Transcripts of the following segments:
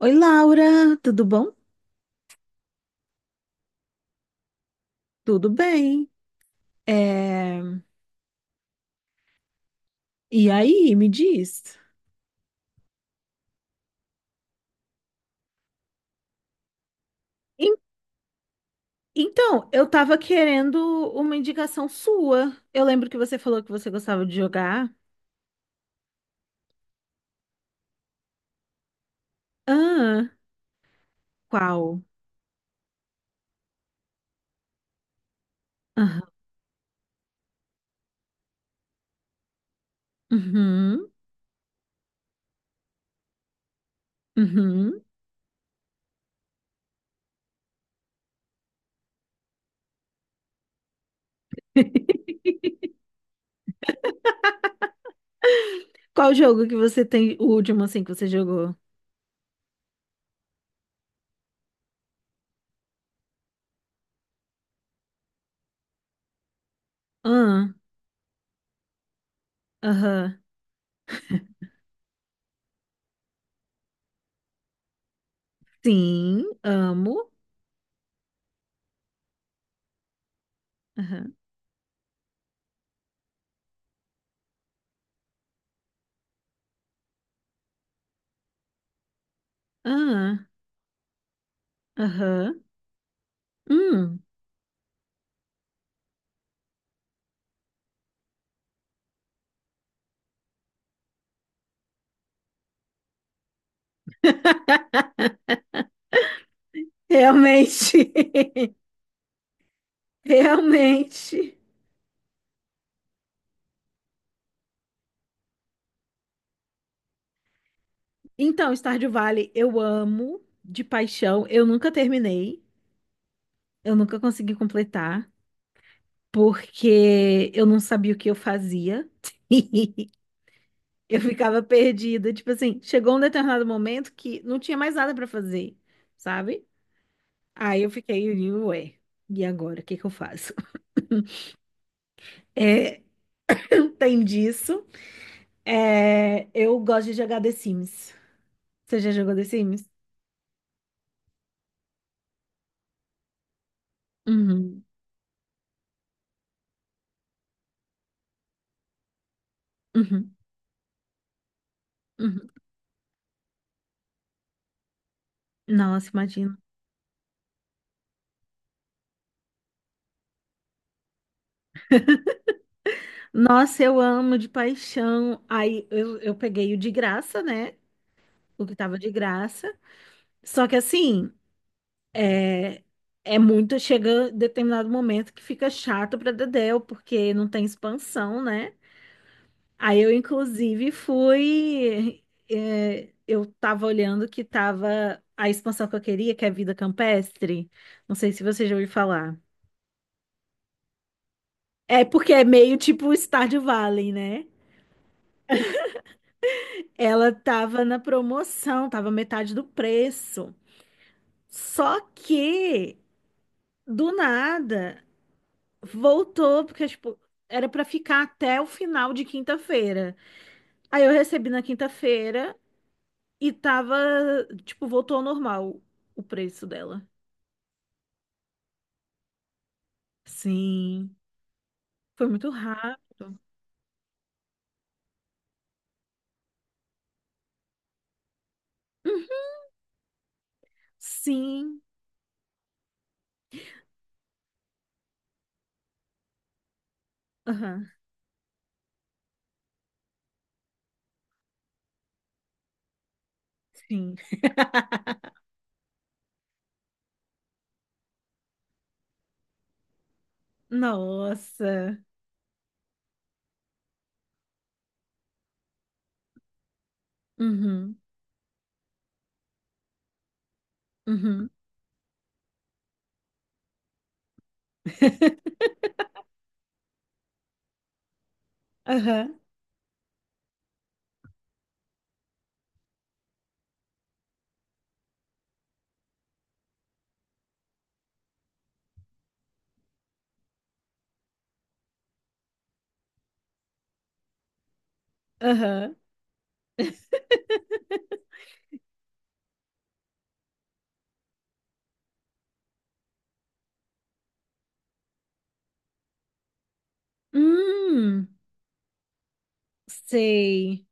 Oi, Laura, tudo bom? Tudo bem. É, E aí, me diz. En- Então, eu tava querendo uma indicação sua. Eu lembro que você falou que você gostava de jogar. Ah, qual? Aham. Uhum, uhum. Qual jogo que você tem, o último assim que você jogou? Ah, aham. Sim, amo. Aham. Ah, aham. Hum, realmente. Realmente. Então, Stardew Valley eu amo de paixão. Eu nunca terminei, eu nunca consegui completar, porque eu não sabia o que eu fazia. Eu ficava perdida, tipo assim, chegou um determinado momento que não tinha mais nada pra fazer, sabe? Aí eu fiquei, ué, e agora, o que que eu faço? É, tem disso. É, eu gosto de jogar The Sims. Você já jogou The Sims? Uhum, uhum, uhum. Nossa, imagina. Nossa, eu amo de paixão. Aí eu peguei o de graça, né? O que tava de graça. Só que assim, é, é muito. Chega determinado momento que fica chato pra Dedéu, porque não tem expansão, né? Aí eu, inclusive, fui. Eu tava olhando que tava a expansão que eu queria, que é Vida Campestre. Não sei se você já ouviu falar. É porque é meio tipo Stardew Valley, né? Ela tava na promoção, tava metade do preço. Só que, do nada, voltou, porque, tipo, era pra ficar até o final de quinta-feira. Aí eu recebi na quinta-feira e tava, tipo, voltou ao normal o preço dela. Sim, foi muito rápido. Hum, Sim, aham, sim. Nossa. Uhum, uhum. Aham, aham. Hum. Sei.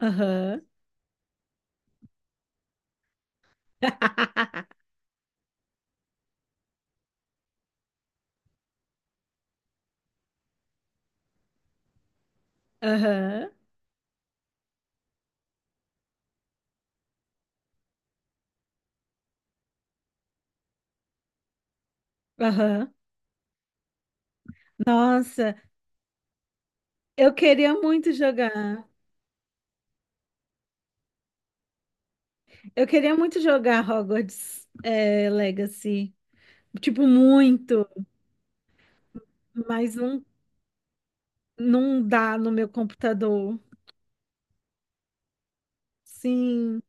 Aham. Aham. Aham. Nossa, eu queria muito jogar. Eu queria muito jogar Hogwarts, Legacy. Tipo, muito, mas não, não dá no meu computador. Sim.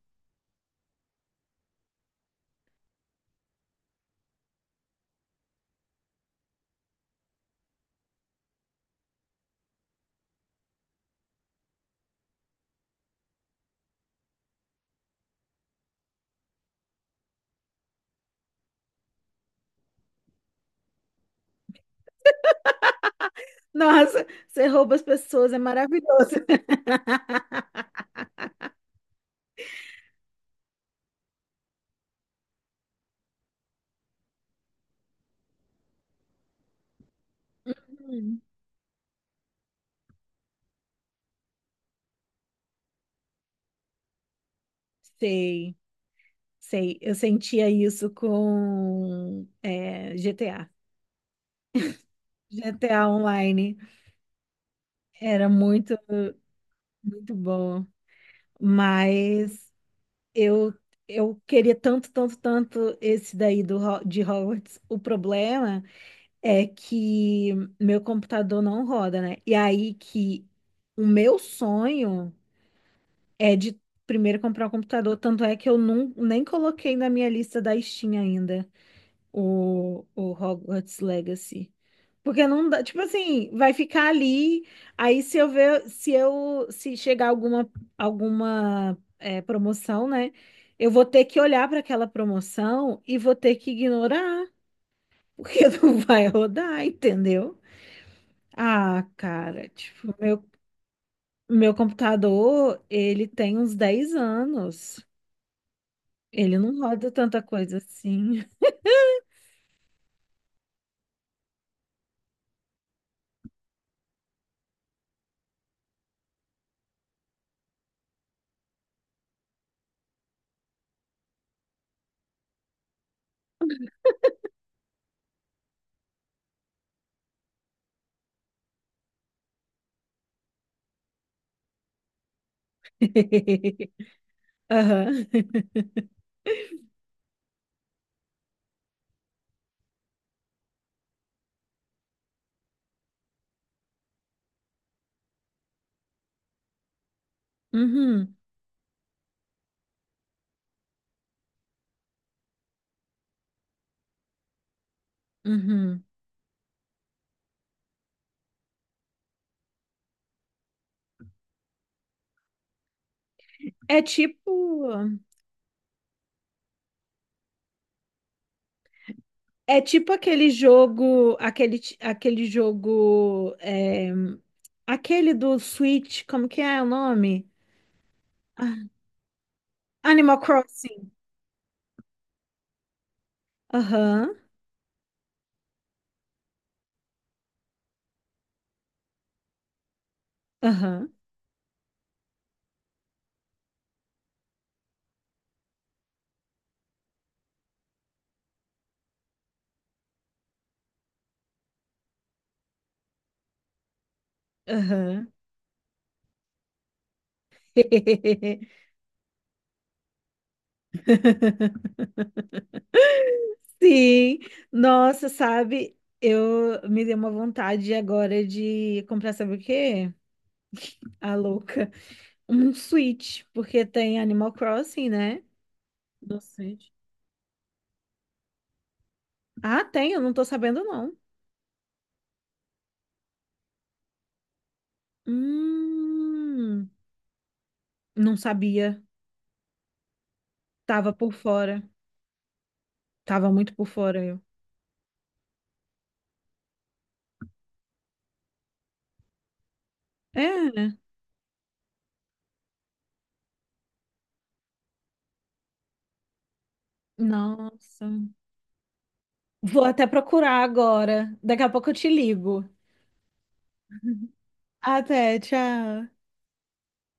Nossa, você rouba as pessoas, é maravilhoso. Hum, sei, sei. Eu sentia isso com GTA. GTA Online era muito, muito bom. Mas eu, eu queria tanto, tanto, tanto esse daí do, de Hogwarts. O problema é que meu computador não roda, né? E aí que o meu sonho é de primeiro comprar um computador. Tanto é que eu não, nem coloquei na minha lista da Steam ainda o Hogwarts Legacy. Porque não dá, tipo assim, vai ficar ali, aí se eu ver, se eu, se chegar alguma, alguma promoção, né, eu vou ter que olhar para aquela promoção e vou ter que ignorar, porque não vai rodar, entendeu? Ah, cara, tipo, meu computador, ele tem uns 10 anos, ele não roda tanta coisa assim. Aham. Uhum, uhum. É tipo, é tipo aquele jogo, aquele, aquele jogo, aquele do Switch, como que é o nome? Ah, Animal Crossing. Aham, aham, aham. Sim, nossa, sabe? Eu me dei uma vontade agora de comprar, sabe o quê? A louca. Um Switch, porque tem Animal Crossing, né? No Switch. Ah, tem, eu não tô sabendo, não. Hum. Não sabia. Tava por fora. Tava muito por fora eu. É. Nossa. Vou até procurar agora. Daqui a pouco eu te ligo. Até, tchau.